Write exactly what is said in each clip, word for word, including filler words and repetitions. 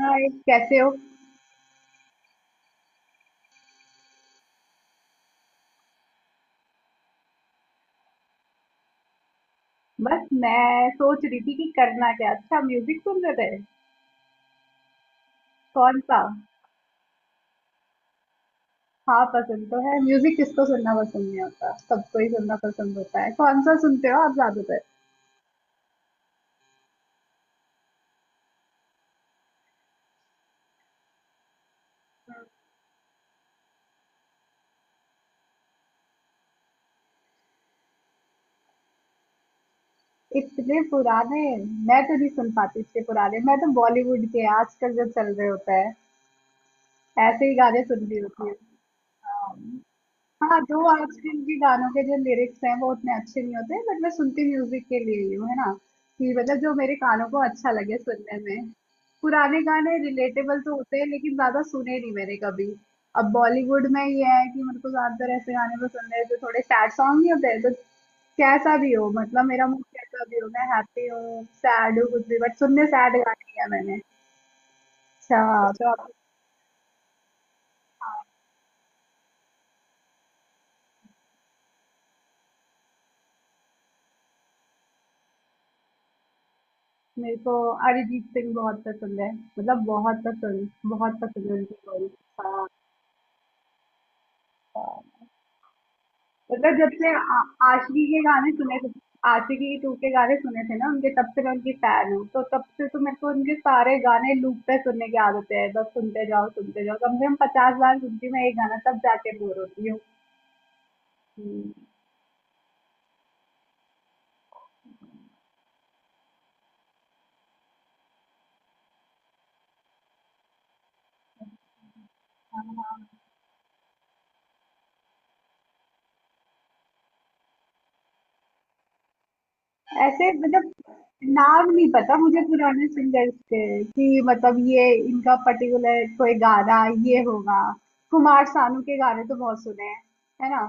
हाय, कैसे हो। बस मैं सोच रही थी कि करना क्या। अच्छा, म्यूजिक सुन रहे थे। कौन सा। हाँ, पसंद तो है म्यूजिक, किसको सुनना पसंद नहीं होता, सबको ही सुनना पसंद होता है। कौन सा सुनते हो आप ज्यादातर। इतने पुराने मैं तो नहीं सुन पाती। इतने पुराने मैं तो। बॉलीवुड के आजकल जो चल रहे होता है, ऐसे ही गाने सुन रही होती हूँ। अम, हाँ, जो आजकल के गानों के जो लिरिक्स हैं वो उतने अच्छे नहीं होते, बट मैं सुनती म्यूजिक के लिए ही हूँ, है ना। कि मतलब जो मेरे कानों को अच्छा लगे सुनने में। पुराने गाने रिलेटेबल तो होते हैं, लेकिन ज्यादा सुने नहीं मैंने कभी। अब बॉलीवुड में ये है कि मेरे को ज्यादातर ऐसे गाने पसंद है जो थोड़े सैड सॉन्ग नहीं होते हैं, तो कैसा भी हो, मतलब मेरा मूड कैसा भी हो, मैं हैप्पी हूँ, सैड हूँ, कुछ भी, बट सुनने सैड गाने ही है मैंने। अच्छा, तो आप। हाँ। मेरे को अरिजीत सिंह बहुत पसंद है, मतलब बहुत पसंद, बहुत पसंद है, उनकी वॉइस। हाँ, हाँ, मतलब जब से आ, आशिकी के गाने सुने थे, आशिकी टू के गाने सुने थे ना उनके, तब से मैं उनकी फैन हूँ, तो तब से तो मेरे को उनके सारे गाने लूप पे सुनने की आदत है। बस सुनते जाओ सुनते जाओ, कम से कम पचास बार सुनती हूँ मैं एक गाना, तब जाके बोर होती हूँ। हम्म, हाँ। ऐसे मतलब नाम नहीं पता मुझे पुराने सिंगर्स के, कि मतलब ये इनका पर्टिकुलर कोई गाना ये होगा। कुमार सानू के गाने तो बहुत सुने हैं, है ना।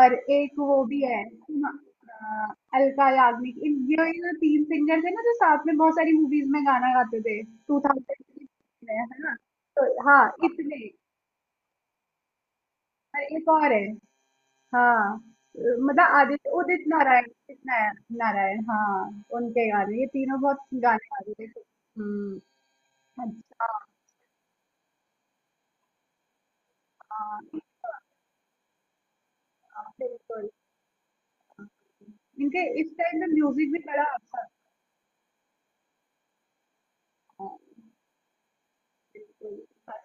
और एक वो भी है कुमा- अ, अलका याग्निक, इन ये ये जो तीन सिंगर थे ना, जो साथ में बहुत सारी मूवीज में गाना गाते थे। टू थाउजेंड में, है ना। तो हाँ, इतने। और एक और है। हाँ, अ, मतलब आदित्य, उदित नारायण उदित नारायण नारायण। हाँ, उनके गाने, ये तीनों बहुत गाने गा रहे थे। हम्म। अच्छा। हाँ, हाँ, बिल्कुल। हाँ। इनके इस टाइम में म्यूजिक भी बड़ा अच्छा था। हाँ, बिल्कुल। हाँ,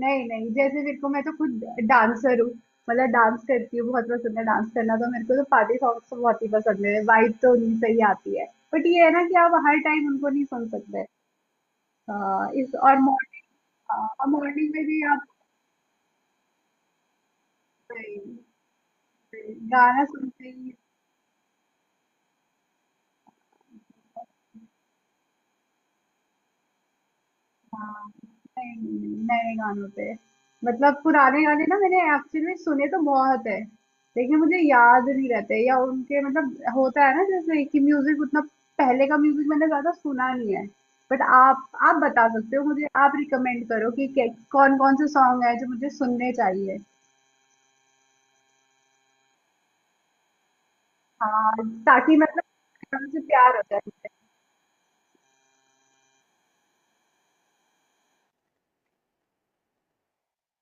नहीं नहीं, जैसे मेरे को, मैं तो खुद डांसर हूँ, मतलब डांस करती हूँ, बहुत पसंद है डांस करना, तो मेरे को तो पार्टी सॉन्ग्स तो बहुत ही पसंद है, वाइब तो उन्हीं से ही आती है। बट ये है ना कि आप हर टाइम उनको नहीं सुन सकते। हाँ, इस और मॉर्निंग। हाँ, और मॉर्निंग में भी आप वही, वही, गाना सुनते ही। हाँ, नहीं, नए गानों पे। मतलब पुराने गाने ना मैंने एक्चुअली में सुने तो बहुत है, लेकिन मुझे याद नहीं रहते, या उनके मतलब होता है ना, जैसे कि म्यूजिक उतना पहले का म्यूजिक मैंने ज्यादा सुना नहीं है। बट आप आप बता सकते हो मुझे, आप रिकमेंड करो कि के, कौन कौन से सॉन्ग है जो मुझे सुनने चाहिए। हाँ, ताकि मतलब एकदम से प्यार हो जाए।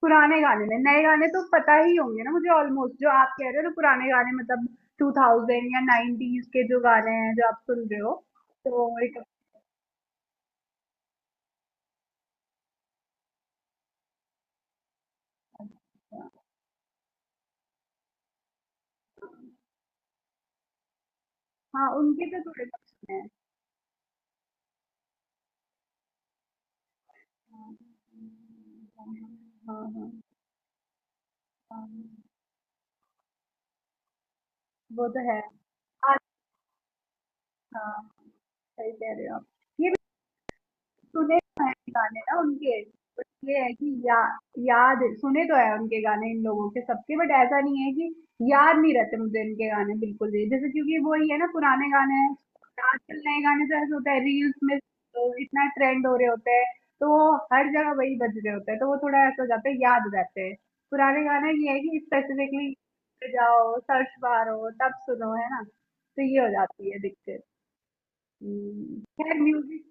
पुराने गाने में, नए गाने तो पता ही होंगे ना मुझे ऑलमोस्ट, जो आप कह रहे हो तो पुराने गाने, मतलब टू थाउजेंड या नाइंटीज़ के जो गाने हैं जो आप सुन रहे हो। तो एक। हाँ, उनके तो थोड़े पसंद हैं। हाँ। हाँ। हाँ, वो तो है। आज। हाँ, सही कह रहे हो आप। ये सुने तो हैं गाने ना उनके, बट ये है कि या, याद। सुने तो है उनके गाने, इन लोगों के सबके, बट ऐसा नहीं है कि याद नहीं रहते मुझे इनके गाने बिल्कुल भी, जैसे क्योंकि वो ही है ना, पुराने गाने हैं। आजकल नए गाने तो ऐसे होता है, रील्स में अ, इतना ट्रेंड हो रहे होते हैं, तो वो हर जगह वही बज रहे होते हैं, तो वो थोड़ा ऐसा हो जाता है, याद रहते हैं। पुराने गाने ये है कि स्पेसिफिकली जाओ, सर्च मारो तब सुनो, है ना, तो ये हो जाती है दिक्कत। हम्म, खैर म्यूजिक।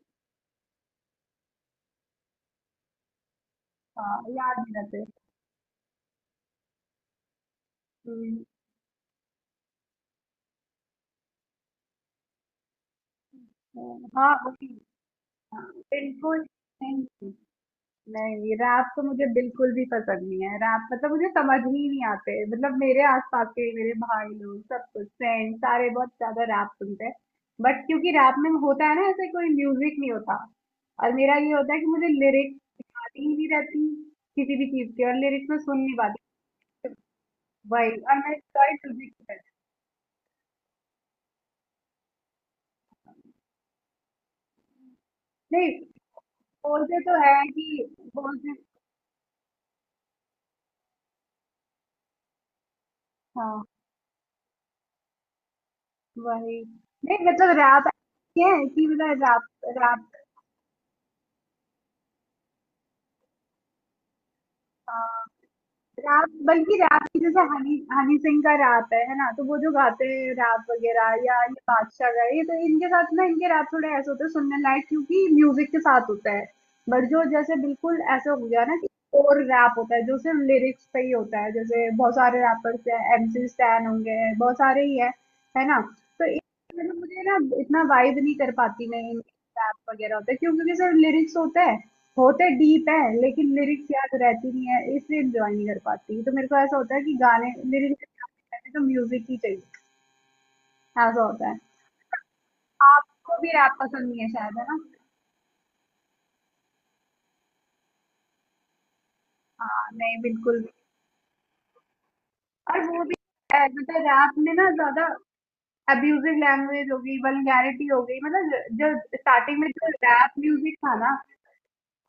हाँ, याद नहीं रहते। हम्म, हाँ, वही। हाँ, बिल्कुल, नहीं। नहीं, रैप तो मुझे बिल्कुल भी पसंद नहीं है। रैप मतलब मुझे समझ ही नहीं आते, मतलब मेरे आसपास के, मेरे भाई लोग, सब कुछ, फ्रेंड, सारे बहुत ज्यादा रैप सुनते हैं। बट क्योंकि रैप में होता है ना ऐसे कोई म्यूजिक नहीं होता, और मेरा ये होता है कि मुझे लिरिक्स आती ही नहीं रहती किसी भी चीज की, और लिरिक्स में सुन नहीं पाती। वही, और मैं सॉरी, म्यूजिक नहीं। बोलते तो है कि। बोलते। हाँ, वही, नहीं मतलब रैप है कि, मतलब रैप, रैप। अ, रैप, बल्कि रैप की, जैसे हनी हनी सिंह का रैप है है ना, तो वो जो गाते हैं रैप वगैरह, या ये बादशाह का, ये तो, इनके साथ ना, इनके रैप थोड़े ऐसे होते हैं सुनने लायक, क्योंकि म्यूजिक के साथ होता है। बट जो, जैसे बिल्कुल ऐसे हो गया ना कि, और रैप होता है जो सिर्फ लिरिक्स पे ही होता है, जैसे बहुत सारे रैपर्स हैं, एमसी स्टैन होंगे, बहुत सारे ही हैं, है ना। तो इन- मतलब मुझे ना इतना वाइब नहीं कर पाती मैं, इन रैप वगैरह होते हैं, क्योंकि सिर्फ लिरिक्स होते हैं, होते डीप है, लेकिन लिरिक्स याद रहती नहीं है, इसलिए एंजॉय नहीं कर पाती, तो मेरे को ऐसा होता है कि गाने लिरिक्स, तो म्यूजिक ही चाहिए। ऐसा होता है। आपको भी रैप पसंद नहीं है शायद, है ना। हाँ, नहीं, बिल्कुल भी। और वो भी है, मतलब रैप में ना ज्यादा अब्यूजिव लैंग्वेज हो गई, वल्गैरिटी हो गई, मतलब जो स्टार्टिंग में जो रैप म्यूजिक था ना।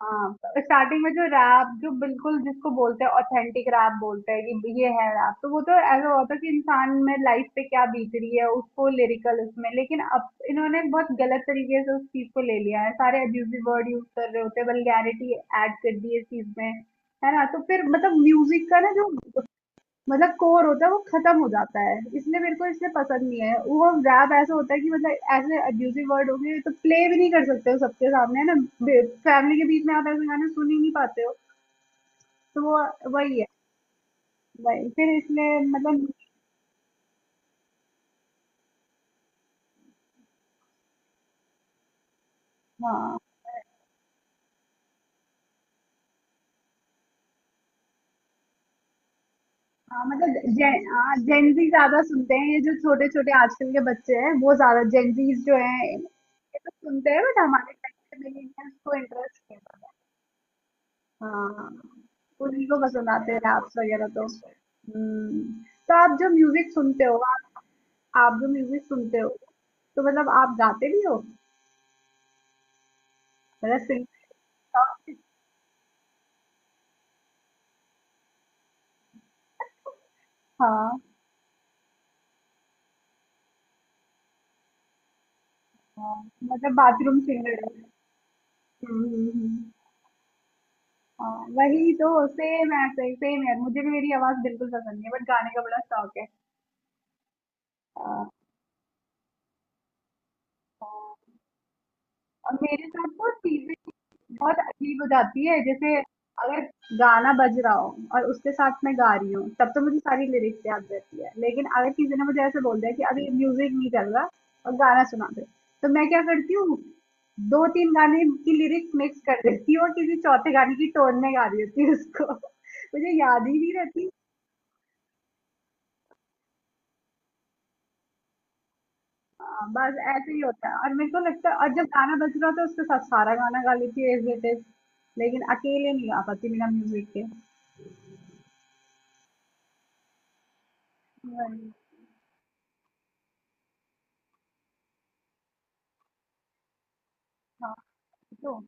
हाँ, स्टार्टिंग में जो रैप, जो बिल्कुल जिसको बोलते हैं ऑथेंटिक रैप, बोलते हैं कि ये है रैप, तो वो तो ऐसा होता है कि इंसान में लाइफ पे क्या बीत रही है उसको लिरिकल उसमें, लेकिन अब इन्होंने बहुत गलत तरीके से उस चीज को ले लिया है, सारे अब्यूजिव वर्ड यूज कर रहे होते हैं, वल्गैरिटी ऐड कर दी है इस चीज में, है ना। तो फिर मतलब म्यूजिक का ना जो मतलब कोर होता है वो खत्म हो जाता है, इसलिए मेरे को इसलिए पसंद नहीं है। वो रैप ऐसा होता है कि मतलब ऐसे अब्यूज़िव वर्ड हो गए, तो प्ले भी नहीं कर सकते हो सबके सामने, है ना। बे फैमिली के बीच में आप ऐसे गाने सुन ही नहीं पाते हो, तो वो वही है, वही। फिर इसलिए मतलब हाँ, हाँ, मतलब जेन हाँ, जेन ज़ी ज़्यादा सुनते हैं, ये जो छोटे-छोटे आजकल के बच्चे हैं, वो ज़्यादा जेन ज़ीज़ जो हैं, ये तो सुनते हैं, बट हमारे टाइम पे मिलेनियल्स को इंटरेस्ट नहीं था। हाँ, उन्हीं को पसंद आते हैं रैप्स वगैरह। तो हम्म, तो आप जो म्यूजिक सुनते हो आप आप जो म्यूजिक सुनते हो, तो मतलब आप गाते भी हो, मतलब सिंग। हाँ, हाँ, मतलब बाथरूम सिंगर हो। हम्म, हम्म, हम्म। हाँ, वही तो सेम है, सही, सेम है, मुझे भी मेरी आवाज बिल्कुल पसंद नहीं है, बट गाने का बड़ा शौक है। हाँ। हाँ। और मेरे साथ तो बहुत अजीब हो जाती है, जैसे अगर गाना बज रहा हो और उसके साथ मैं गा रही हूँ तब तो मुझे सारी लिरिक्स याद रहती है, लेकिन अगर किसी ने मुझे ऐसे बोल दिया कि अभी म्यूजिक नहीं चल रहा और गाना सुना दे, तो मैं क्या करती हूँ, दो तीन गाने की लिरिक्स मिक्स कर देती हूँ और किसी चौथे गाने की टोन में गा रही होती हूँ उसको मुझे याद ही नहीं रहती। हाँ, बस ऐसे ही होता है, और मेरे को लगता है, और जब गाना बज रहा होता है उसके साथ सारा गाना गा लेती हूँ एज इट इज, लेकिन अकेले नहीं गा पाती बिना म्यूजिक के। वही। हाँ, तो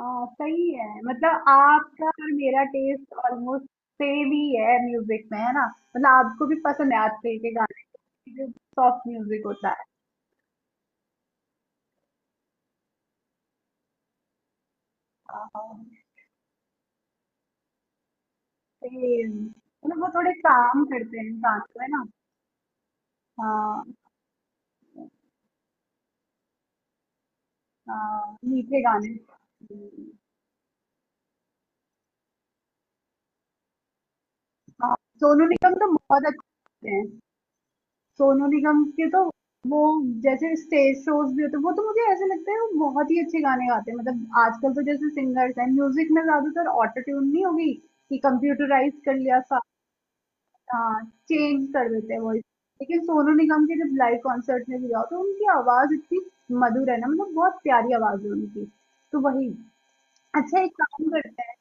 हाँ, सही है, मतलब आपका और मेरा टेस्ट ऑलमोस्ट सेम ही है, म्यूजिक में, है ना, मतलब आपको भी पसंद है आजकल के गाने जो सॉफ्ट म्यूजिक होता है। हाँ, सेम, मतलब वो थोड़े काम करते हैं इंसान को, है ना। हाँ, हाँ मीठे गाने। हम्म, हाँ, सोनू निगम तो बहुत अच्छे हैं। सोनू निगम के तो वो जैसे स्टेज शोज भी होते हैं, वो तो मुझे ऐसे लगता है वो बहुत ही अच्छे गाने गाते हैं, मतलब आजकल तो जैसे सिंगर्स हैं म्यूजिक में ज्यादातर ऑटो ट्यून नहीं होगी, कि कंप्यूटराइज कर लिया, चेंज कर देते हैं वॉइस। लेकिन सोनू निगम के जब लाइव कॉन्सर्ट में भी जाओ तो उनकी आवाज इतनी मधुर है ना, मतलब बहुत प्यारी आवाज है उनकी, तो वही। अच्छा, एक काम करते हैं।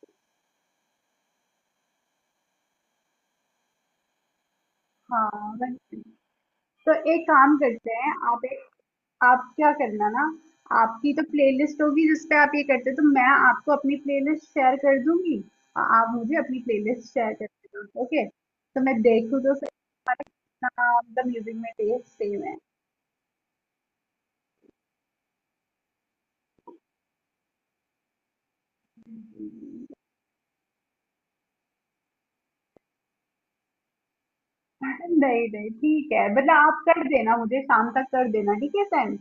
हाँ, वही, तो एक काम करते हैं, आप एक, आप क्या करना ना, आपकी तो प्लेलिस्ट होगी जिस पे आप ये करते हो, तो मैं आपको अपनी प्लेलिस्ट शेयर कर दूंगी और आप मुझे अपनी प्लेलिस्ट शेयर कर देना, ओके, तो मैं देखूँ तो सही। इतना मतलब म्यूजिक में टेस्ट सेम है। नहीं नहीं, ठीक है, मतलब आप कर देना मुझे, शाम तक कर देना, ठीक है, सेंड।